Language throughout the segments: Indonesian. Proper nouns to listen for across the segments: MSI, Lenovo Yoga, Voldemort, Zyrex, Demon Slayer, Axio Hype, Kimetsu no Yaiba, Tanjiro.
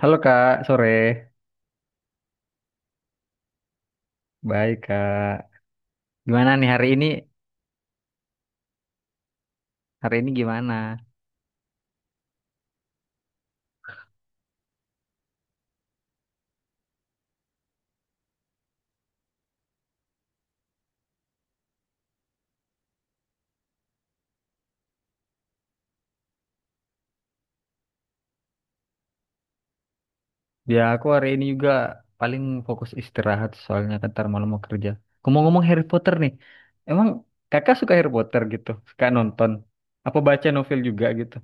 Halo Kak, sore. Baik Kak. Gimana nih hari ini? Hari ini gimana? Ya aku hari ini juga paling fokus istirahat soalnya kan ntar malam mau kerja. Ngomong-ngomong Harry Potter nih, emang kakak suka Harry Potter gitu? Suka nonton? Apa baca novel juga gitu?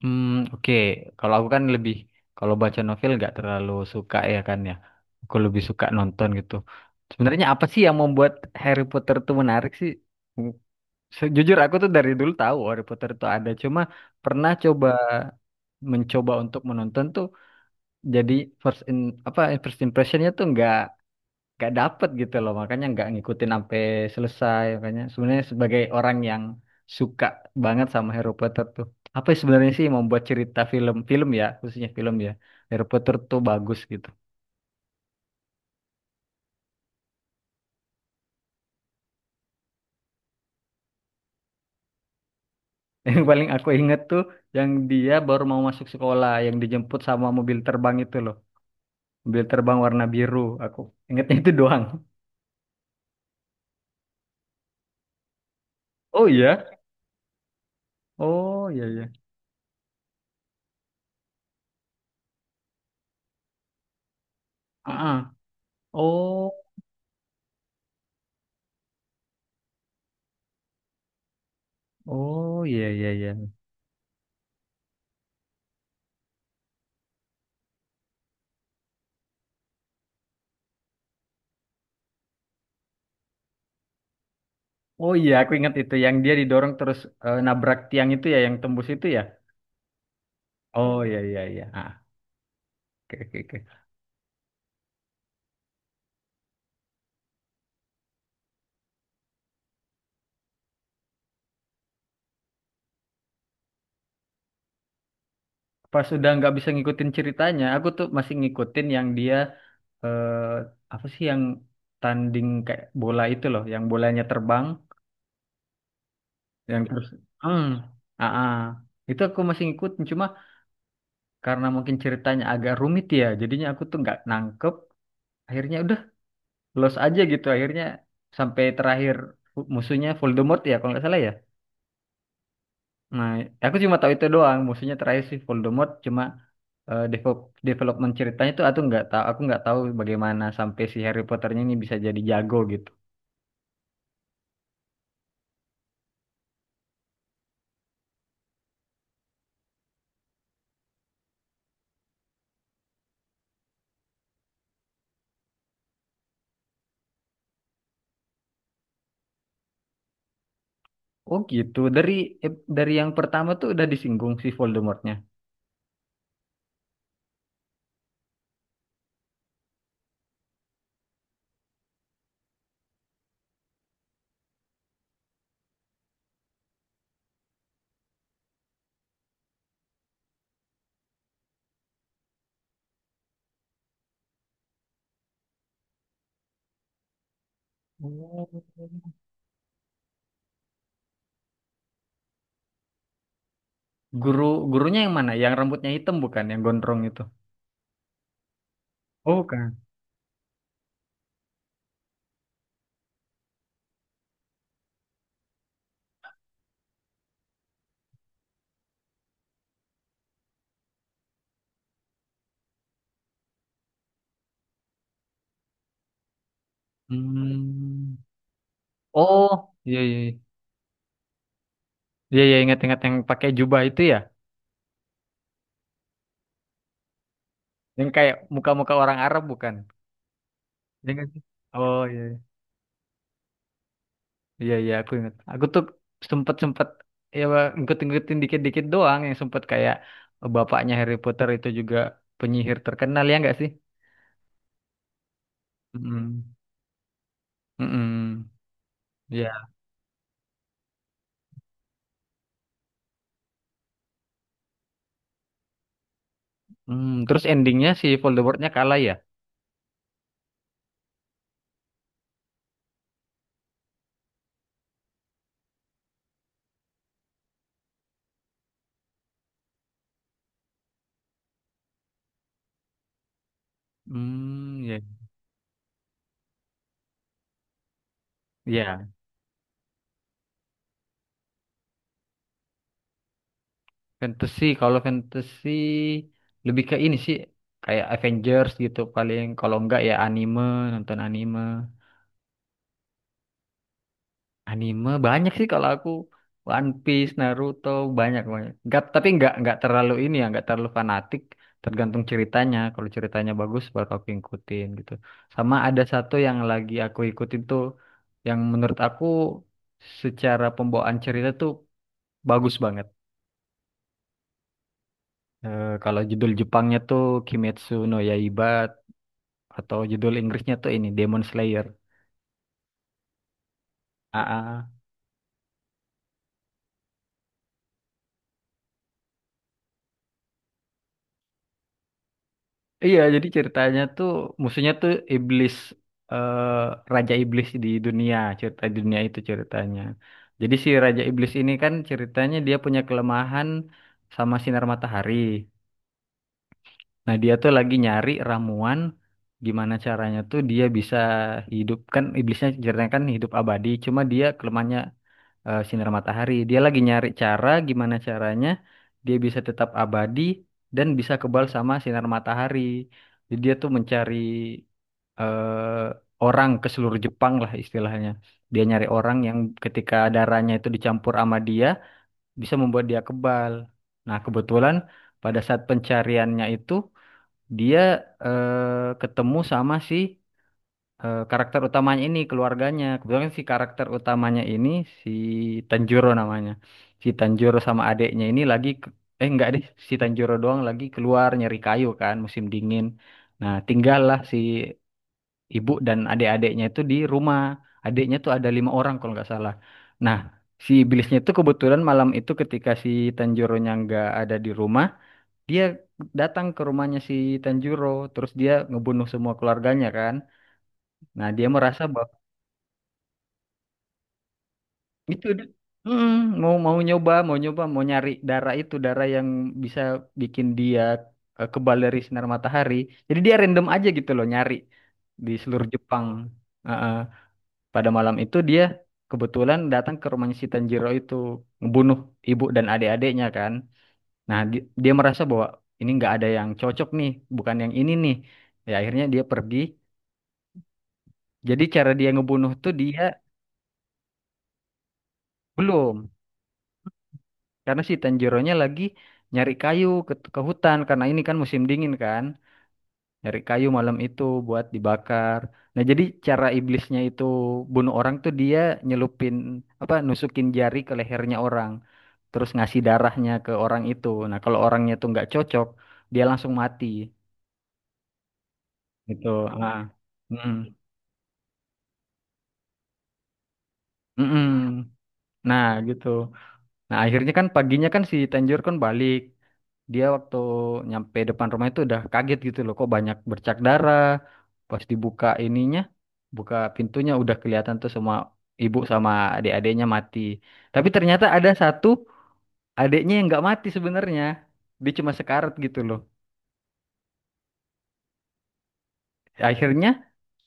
Hmm, oke. Kalau aku kan lebih, kalau baca novel nggak terlalu suka ya kan ya. Aku lebih suka nonton gitu. Sebenarnya apa sih yang membuat Harry Potter tuh menarik sih? Sejujur aku tuh dari dulu tahu Harry Potter itu ada, cuma pernah coba mencoba untuk menonton tuh jadi first in apa first impressionnya tuh nggak dapet gitu loh, makanya nggak ngikutin sampai selesai. Makanya sebenarnya sebagai orang yang suka banget sama Harry Potter tuh, apa sih sebenarnya sih yang membuat cerita film-film ya khususnya film ya Harry Potter tuh bagus gitu. Yang paling aku inget tuh yang dia baru mau masuk sekolah, yang dijemput sama mobil terbang itu loh. Mobil terbang warna biru, aku ingetnya itu doang. Oh iya, oh iya iya. Ah ah. Oh. Oh iya iya iya. Oh iya aku ingat itu yang dia didorong terus, nabrak tiang itu ya yang tembus itu ya. Oh iya iya iya. Ah. Oke oke oke. Pas udah nggak bisa ngikutin ceritanya aku tuh masih ngikutin yang dia, eh, apa sih yang tanding kayak bola itu loh yang bolanya terbang yang terus. Hmm. Ah ah. Itu aku masih ngikutin, cuma karena mungkin ceritanya agak rumit ya jadinya aku tuh nggak nangkep, akhirnya udah los aja gitu akhirnya sampai terakhir musuhnya Voldemort ya kalau nggak salah ya. Nah aku cuma tahu itu doang musuhnya terakhir si Voldemort, cuma development ceritanya tuh aku nggak tahu, aku nggak tahu bagaimana sampai si Harry Potternya ini bisa jadi jago gitu. Oh gitu, dari yang pertama tuh udah disinggung si Voldemortnya. Oh. Guru gurunya yang mana, yang rambutnya hitam bukan yang gondrong itu? Oh kan. Hmm. Oh, iya iya iya. Iya iya, ingat-ingat yang pakai jubah itu ya, yang kayak muka-muka orang Arab bukan? Iya nggak sih? Oh iya iya iya. Iya, aku ingat. Aku tuh sempet sempet ya ngikut-ngikutin dikit-dikit doang yang sempet kayak bapaknya Harry Potter itu juga penyihir terkenal ya nggak sih? Mm-mm. Mm-mm. Ya. Hmm, terus endingnya si Voldemortnya kalah ya? Hmm, ya. Ya. Fantasy, kalau fantasy lebih ke ini sih kayak Avengers gitu, paling kalau enggak ya anime, nonton anime. Anime banyak sih kalau aku, One Piece, Naruto, banyak banyak. Enggak, tapi enggak terlalu ini ya, enggak terlalu fanatik, tergantung ceritanya. Kalau ceritanya bagus baru aku ikutin gitu. Sama ada satu yang lagi aku ikutin tuh yang menurut aku secara pembawaan cerita tuh bagus banget. Kalau judul Jepangnya tuh Kimetsu no Yaiba atau judul Inggrisnya tuh ini Demon Slayer. AA. Iya, jadi ceritanya tuh musuhnya tuh iblis, eh, raja iblis di dunia, cerita di dunia itu ceritanya. Jadi si raja iblis ini kan ceritanya dia punya kelemahan sama sinar matahari. Nah, dia tuh lagi nyari ramuan gimana caranya tuh dia bisa hidup, kan iblisnya ceritanya kan hidup abadi, cuma dia kelemahannya sinar matahari. Dia lagi nyari cara gimana caranya dia bisa tetap abadi dan bisa kebal sama sinar matahari. Jadi dia tuh mencari eh, orang ke seluruh Jepang lah istilahnya. Dia nyari orang yang ketika darahnya itu dicampur sama dia bisa membuat dia kebal. Nah, kebetulan pada saat pencariannya itu dia ketemu sama si karakter utamanya ini keluarganya. Kebetulan si karakter utamanya ini si Tanjiro namanya. Si Tanjiro sama adeknya ini lagi eh enggak deh, si Tanjiro doang lagi keluar nyari kayu kan musim dingin. Nah, tinggallah si ibu dan adik-adiknya itu di rumah. Adiknya tuh ada 5 orang kalau nggak salah. Nah, si iblisnya itu kebetulan malam itu ketika si Tanjironya nggak ada di rumah, dia datang ke rumahnya si Tanjiro, terus dia ngebunuh semua keluarganya kan. Nah, dia merasa bahwa itu dia. Mm, mau mau nyoba, mau nyoba, mau nyari darah itu, darah yang bisa bikin dia kebal dari sinar matahari. Jadi dia random aja gitu loh nyari di seluruh Jepang. Heeh. Pada malam itu dia kebetulan datang ke rumahnya si Tanjiro itu ngebunuh ibu dan adik-adiknya kan. Nah, dia merasa bahwa ini nggak ada yang cocok nih, bukan yang ini nih. Ya akhirnya dia pergi. Jadi cara dia ngebunuh tuh dia belum. Karena si Tanjiro-nya lagi nyari kayu ke hutan karena ini kan musim dingin kan. Nyari kayu malam itu buat dibakar. Nah, jadi cara iblisnya itu bunuh orang tuh dia nyelupin apa nusukin jari ke lehernya orang, terus ngasih darahnya ke orang itu. Nah, kalau orangnya tuh nggak cocok, dia langsung mati gitu. Ah. Mm-mm. Mm-mm. Nah, gitu. Nah, akhirnya kan paginya kan si Tanjiro kan balik. Dia waktu nyampe depan rumah itu udah kaget gitu loh kok banyak bercak darah, pas dibuka ininya, buka pintunya udah kelihatan tuh semua ibu sama adik-adiknya mati, tapi ternyata ada satu adiknya yang nggak mati sebenarnya, dia cuma sekarat gitu loh. Akhirnya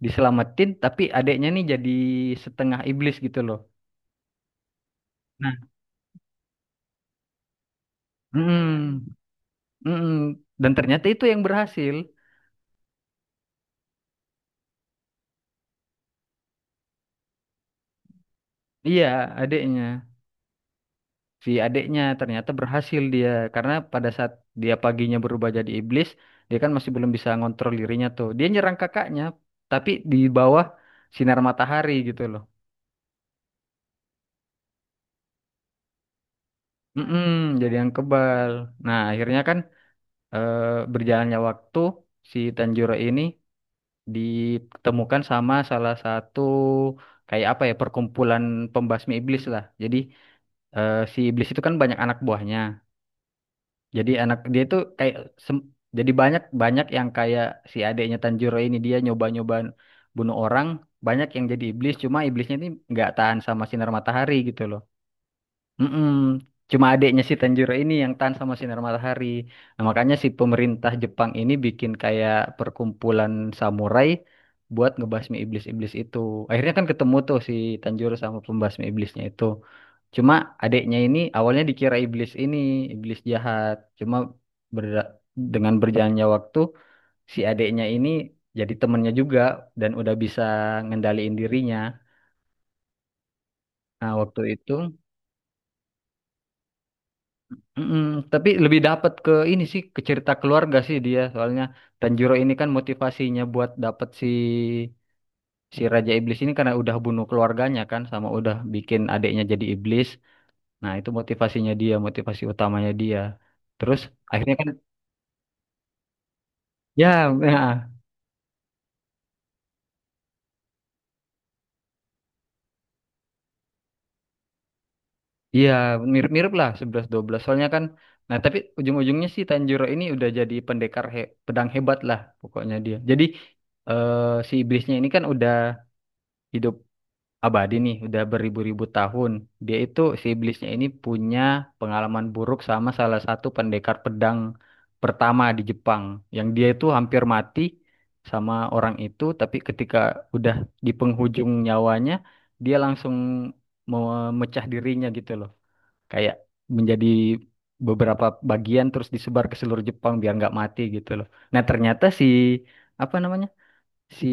diselamatin, tapi adiknya nih jadi setengah iblis gitu loh. Nah mm, mm, dan ternyata itu yang berhasil. Iya adiknya, si adeknya ternyata berhasil dia, karena pada saat dia paginya berubah jadi iblis dia kan masih belum bisa ngontrol dirinya tuh dia nyerang kakaknya, tapi di bawah sinar matahari gitu loh. Mm-mm, jadi yang kebal. Nah akhirnya kan eh, berjalannya waktu si Tanjiro ini ditemukan sama salah satu, kayak apa ya, perkumpulan pembasmi iblis lah, jadi si iblis itu kan banyak anak buahnya. Jadi anak dia itu kayak sem- jadi banyak banyak yang kayak si adeknya Tanjiro ini, dia nyoba-nyoba bunuh orang, banyak yang jadi iblis, cuma iblisnya ini nggak tahan sama sinar matahari gitu loh. Mm-mm. Cuma adiknya si Tanjiro ini yang tahan sama sinar matahari. Nah, makanya si pemerintah Jepang ini bikin kayak perkumpulan samurai buat ngebasmi iblis-iblis itu. Akhirnya kan ketemu tuh si Tanjiro sama pembasmi iblisnya itu. Cuma adiknya ini awalnya dikira iblis ini, iblis jahat. Cuma berda- dengan berjalannya waktu si adiknya ini jadi temennya juga dan udah bisa ngendaliin dirinya. Nah, waktu itu mm-mm, tapi lebih dapat ke ini sih, ke cerita keluarga sih dia, soalnya Tanjiro ini kan motivasinya buat dapat si si Raja Iblis ini karena udah bunuh keluarganya kan, sama udah bikin adiknya jadi iblis. Nah, itu motivasinya dia, motivasi utamanya dia. Terus akhirnya kan ya, nah, iya mirip-mirip lah sebelas dua belas soalnya kan. Nah tapi ujung-ujungnya sih Tanjiro ini udah jadi pendekar pedang hebat lah pokoknya dia. Jadi eh, si iblisnya ini kan udah hidup abadi nih udah beribu-ribu tahun. Dia itu si iblisnya ini punya pengalaman buruk sama salah satu pendekar pedang pertama di Jepang. Yang dia itu hampir mati sama orang itu, tapi ketika udah di penghujung nyawanya, dia langsung memecah dirinya gitu loh. Kayak menjadi beberapa bagian terus disebar ke seluruh Jepang biar nggak mati gitu loh. Nah ternyata si apa namanya, si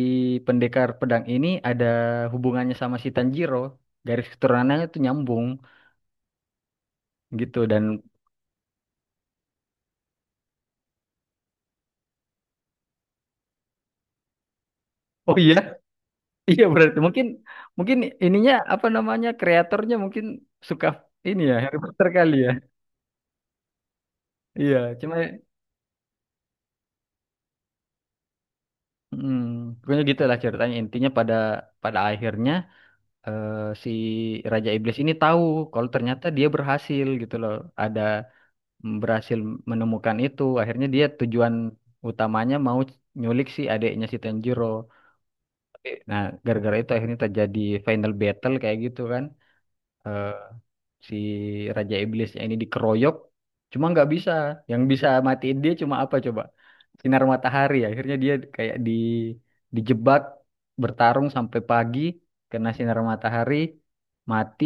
pendekar pedang ini ada hubungannya sama si Tanjiro. Garis keturunannya tuh nyambung gitu. Dan oh iya, iya berarti mungkin mungkin ininya apa namanya kreatornya mungkin suka ini ya Harry Potter kali ya. Iya, cuma hmm, pokoknya gitu lah ceritanya, intinya pada pada akhirnya eh, si Raja Iblis ini tahu kalau ternyata dia berhasil gitu loh. Ada berhasil menemukan itu. Akhirnya dia tujuan utamanya mau nyulik si adeknya si Tanjiro. Tapi, nah, gara-gara itu akhirnya terjadi final battle kayak gitu kan, eh, si Raja Iblisnya ini dikeroyok, cuma nggak bisa. Yang bisa matiin dia cuma apa coba? Sinar matahari. Akhirnya dia kayak dijebak bertarung sampai pagi, kena sinar matahari, mati.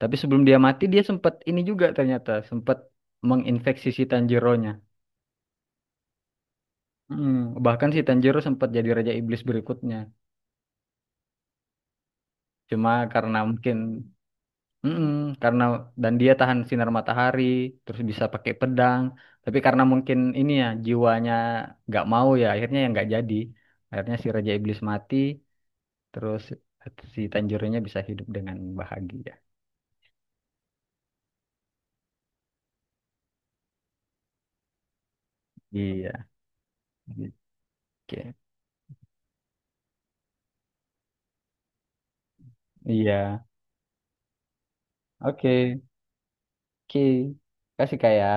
Tapi sebelum dia mati dia sempat ini juga, ternyata sempat menginfeksi si Tanjiro-nya. Mm, bahkan si Tanjiro sempat jadi Raja Iblis berikutnya. Cuma karena mungkin mm-mm, karena dan dia tahan sinar matahari, terus bisa pakai pedang. Tapi karena mungkin ini ya jiwanya nggak mau ya, akhirnya yang nggak jadi. Akhirnya si Raja Iblis mati, terus si Tanjurnya bisa hidup dengan bahagia. Iya. Oke. Iya. Oke. Oke. Kasih kayak.